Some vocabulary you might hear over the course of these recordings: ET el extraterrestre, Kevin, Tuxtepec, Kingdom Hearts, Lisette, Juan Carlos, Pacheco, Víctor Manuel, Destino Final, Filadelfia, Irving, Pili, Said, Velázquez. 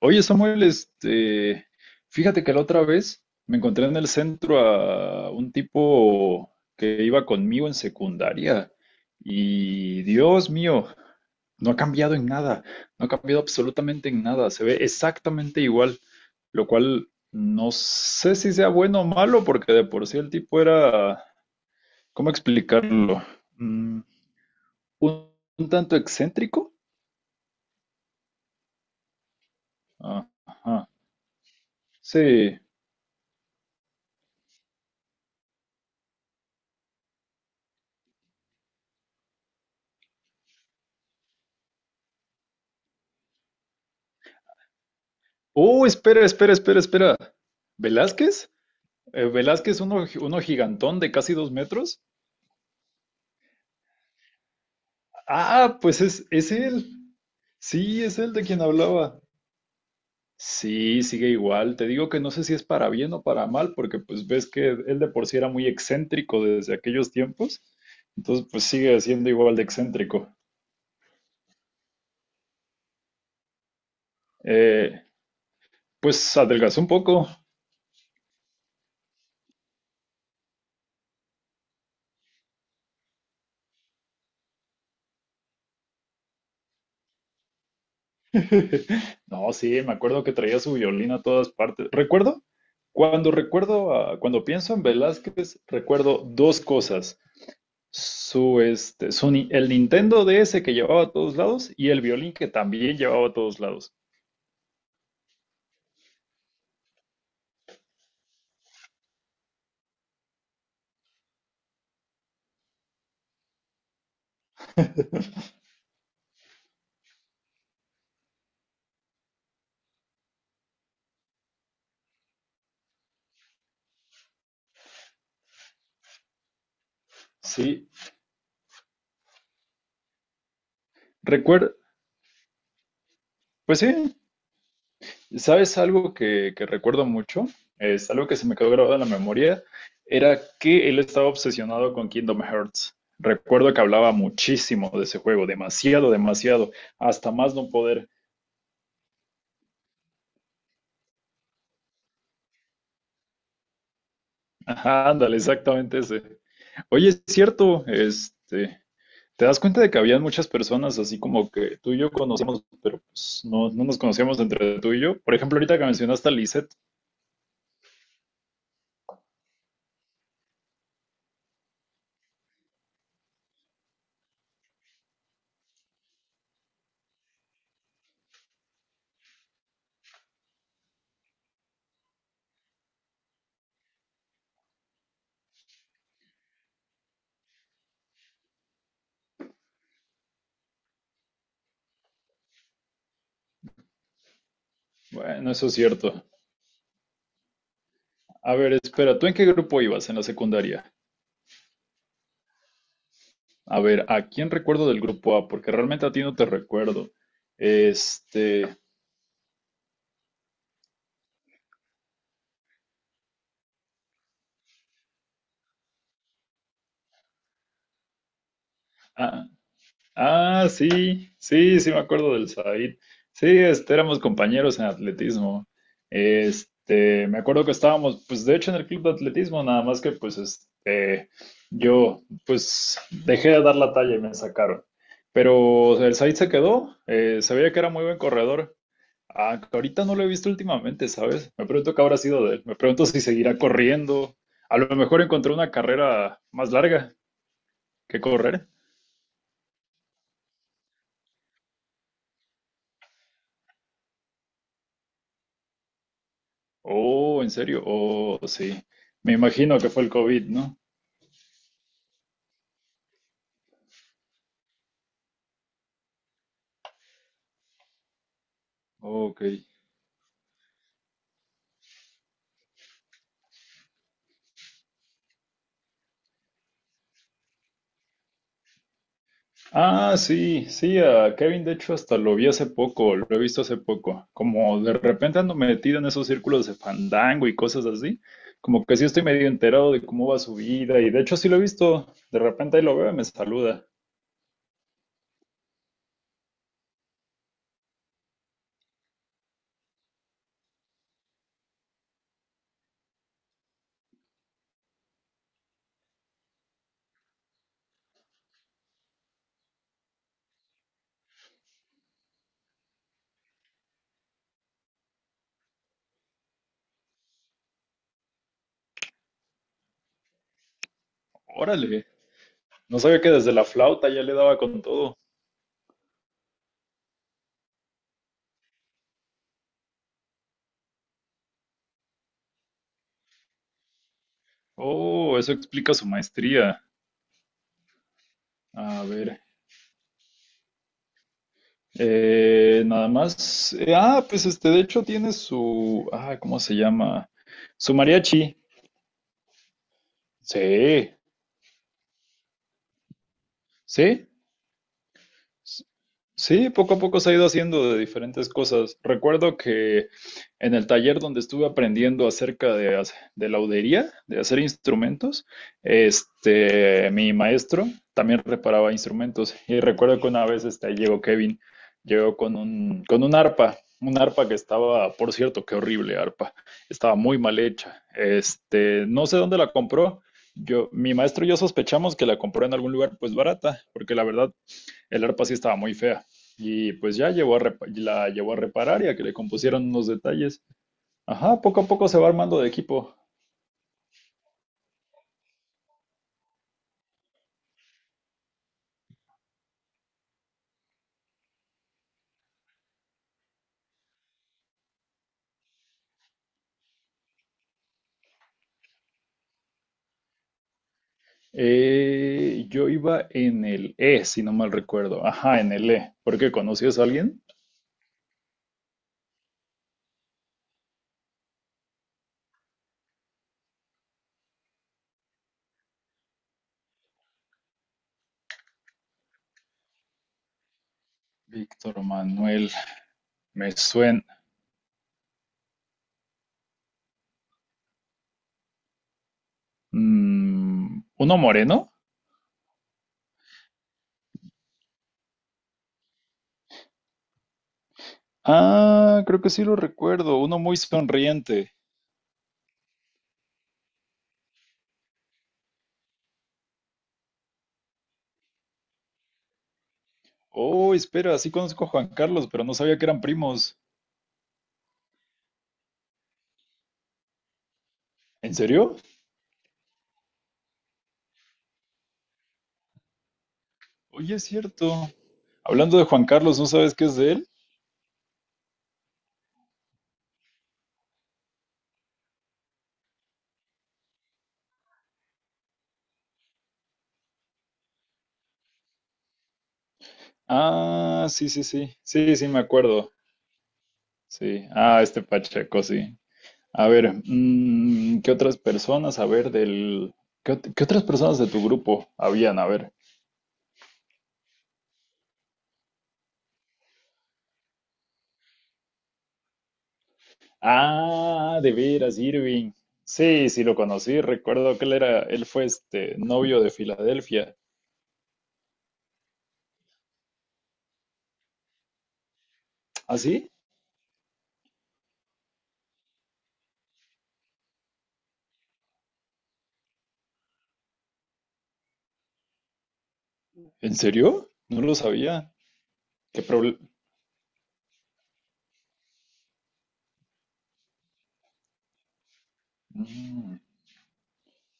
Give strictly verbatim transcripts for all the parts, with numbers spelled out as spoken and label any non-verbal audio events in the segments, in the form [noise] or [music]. Oye, Samuel, este, fíjate que la otra vez me encontré en el centro a un tipo que iba conmigo en secundaria y Dios mío, no ha cambiado en nada, no ha cambiado absolutamente en nada, se ve exactamente igual, lo cual no sé si sea bueno o malo porque de por sí el tipo era, ¿cómo explicarlo? Mm, un, un tanto excéntrico. Ajá, sí. Uh, espera, espera, espera, espera. ¿Velázquez? Eh, ¿Velázquez, uno, uno gigantón de casi dos metros? Ah, pues es, es él. Sí, es él de quien hablaba. Sí, sigue igual. Te digo que no sé si es para bien o para mal, porque pues ves que él de por sí era muy excéntrico desde aquellos tiempos. Entonces, pues sigue siendo igual de excéntrico. Eh, pues adelgazó un poco. [laughs] No, sí, me acuerdo que traía su violín a todas partes. Recuerdo, cuando recuerdo, a- cuando pienso en Velázquez, recuerdo dos cosas. Su, este, su, ni- El Nintendo D S que llevaba a todos lados y el violín que también llevaba a todos lados. Sí, recuerdo, pues sí. ¿Sabes algo que, que recuerdo mucho? Es algo que se me quedó grabado en la memoria. Era que él estaba obsesionado con Kingdom Hearts. Recuerdo que hablaba muchísimo de ese juego, demasiado, demasiado, hasta más no poder. [laughs] Ajá, ándale, exactamente ese. Oye, es cierto, este, te das cuenta de que habían muchas personas así como que tú y yo conocemos, pero pues, no, no nos conocíamos entre tú y yo. Por ejemplo, ahorita que mencionaste a Lisette, bueno, eso es cierto. A ver, espera, ¿tú en qué grupo ibas en la secundaria? A ver, ¿a quién recuerdo del grupo A? Porque realmente a ti no te recuerdo. Este, ah, Ah, sí, sí, sí me acuerdo del Said. Sí, este, éramos compañeros en atletismo. Este, me acuerdo que estábamos, pues de hecho en el club de atletismo, nada más que pues este, yo pues dejé de dar la talla y me sacaron. Pero el Said se quedó, eh, se veía que era muy buen corredor. Ah, que ahorita no lo he visto últimamente, ¿sabes? Me pregunto qué habrá sido de él. Me pregunto si seguirá corriendo. A lo mejor encontró una carrera más larga que correr. Oh, ¿en serio? Oh, sí. Me imagino que fue el COVID, ¿no? Ok. Ah, sí, sí, a Kevin de hecho hasta lo vi hace poco, lo he visto hace poco. Como de repente ando metido en esos círculos de fandango y cosas así, como que sí estoy medio enterado de cómo va su vida y de hecho sí lo he visto, de repente ahí lo veo y me saluda. Órale, no sabía que desde la flauta ya le daba con todo. Oh, eso explica su maestría. A ver. Eh, nada más. eh, ah, pues este, de hecho tiene su, ah, ¿cómo se llama? Su mariachi. Sí, sí. Sí, poco a poco se ha ido haciendo de diferentes cosas. Recuerdo que en el taller donde estuve aprendiendo acerca de, hac- de laudería, de hacer instrumentos, este, mi maestro también reparaba instrumentos. Y recuerdo que una vez este, llegó Kevin, llegó con un, con un arpa, un arpa que estaba, por cierto, qué horrible arpa, estaba muy mal hecha. Este, no sé dónde la compró. Yo, mi maestro y yo sospechamos que la compró en algún lugar pues barata, porque la verdad el arpa sí estaba muy fea. Y pues ya llevó a repa- la llevó a reparar y a que le compusieran unos detalles. Ajá, poco a poco se va armando de equipo. Eh, yo iba en el E, si no mal recuerdo. Ajá, en el E. ¿Por qué conocías a alguien? Víctor Manuel, me suena. Mm, ¿uno moreno? Ah, creo que sí lo recuerdo. Uno muy sonriente. Oh, espera, sí conozco a Juan Carlos, pero no sabía que eran primos. ¿En serio? Oye, es cierto. Hablando de Juan Carlos, ¿no sabes qué es de él? Ah, sí, sí, sí. Sí, sí, me acuerdo. Sí. Ah, este Pacheco, sí. A ver, mm, ¿qué otras personas? A ver, del... ¿Qué, ot- ¿qué otras personas de tu grupo habían? A ver. Ah, de veras, Irving. Sí, sí, lo conocí. Recuerdo que él era, él fue este novio de Filadelfia. ¿Ah, sí? ¿En serio? No lo sabía. ¿Qué problema?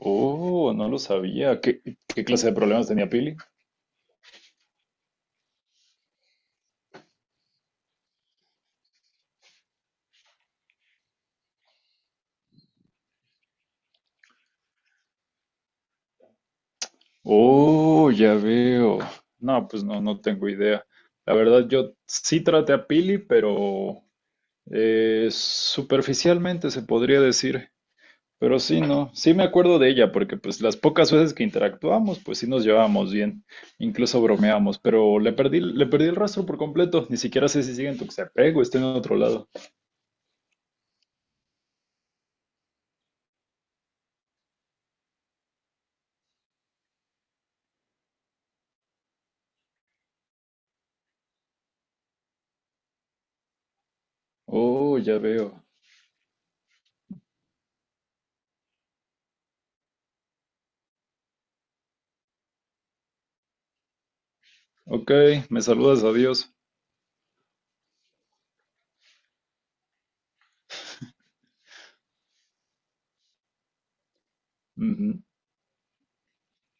Oh, no lo sabía. ¿Qué, ¿qué clase de problemas tenía Pili? Oh, ya veo. No, pues no, no tengo idea. La verdad, yo sí traté a Pili, pero eh, superficialmente se podría decir. Pero sí, no, sí me acuerdo de ella, porque pues las pocas veces que interactuamos, pues sí nos llevábamos bien, incluso bromeamos, pero le perdí, le perdí el rastro por completo, ni siquiera sé si sigue en Tuxtepec o está en otro lado. Oh, ya veo. Ok, me saludas, adiós. Dios.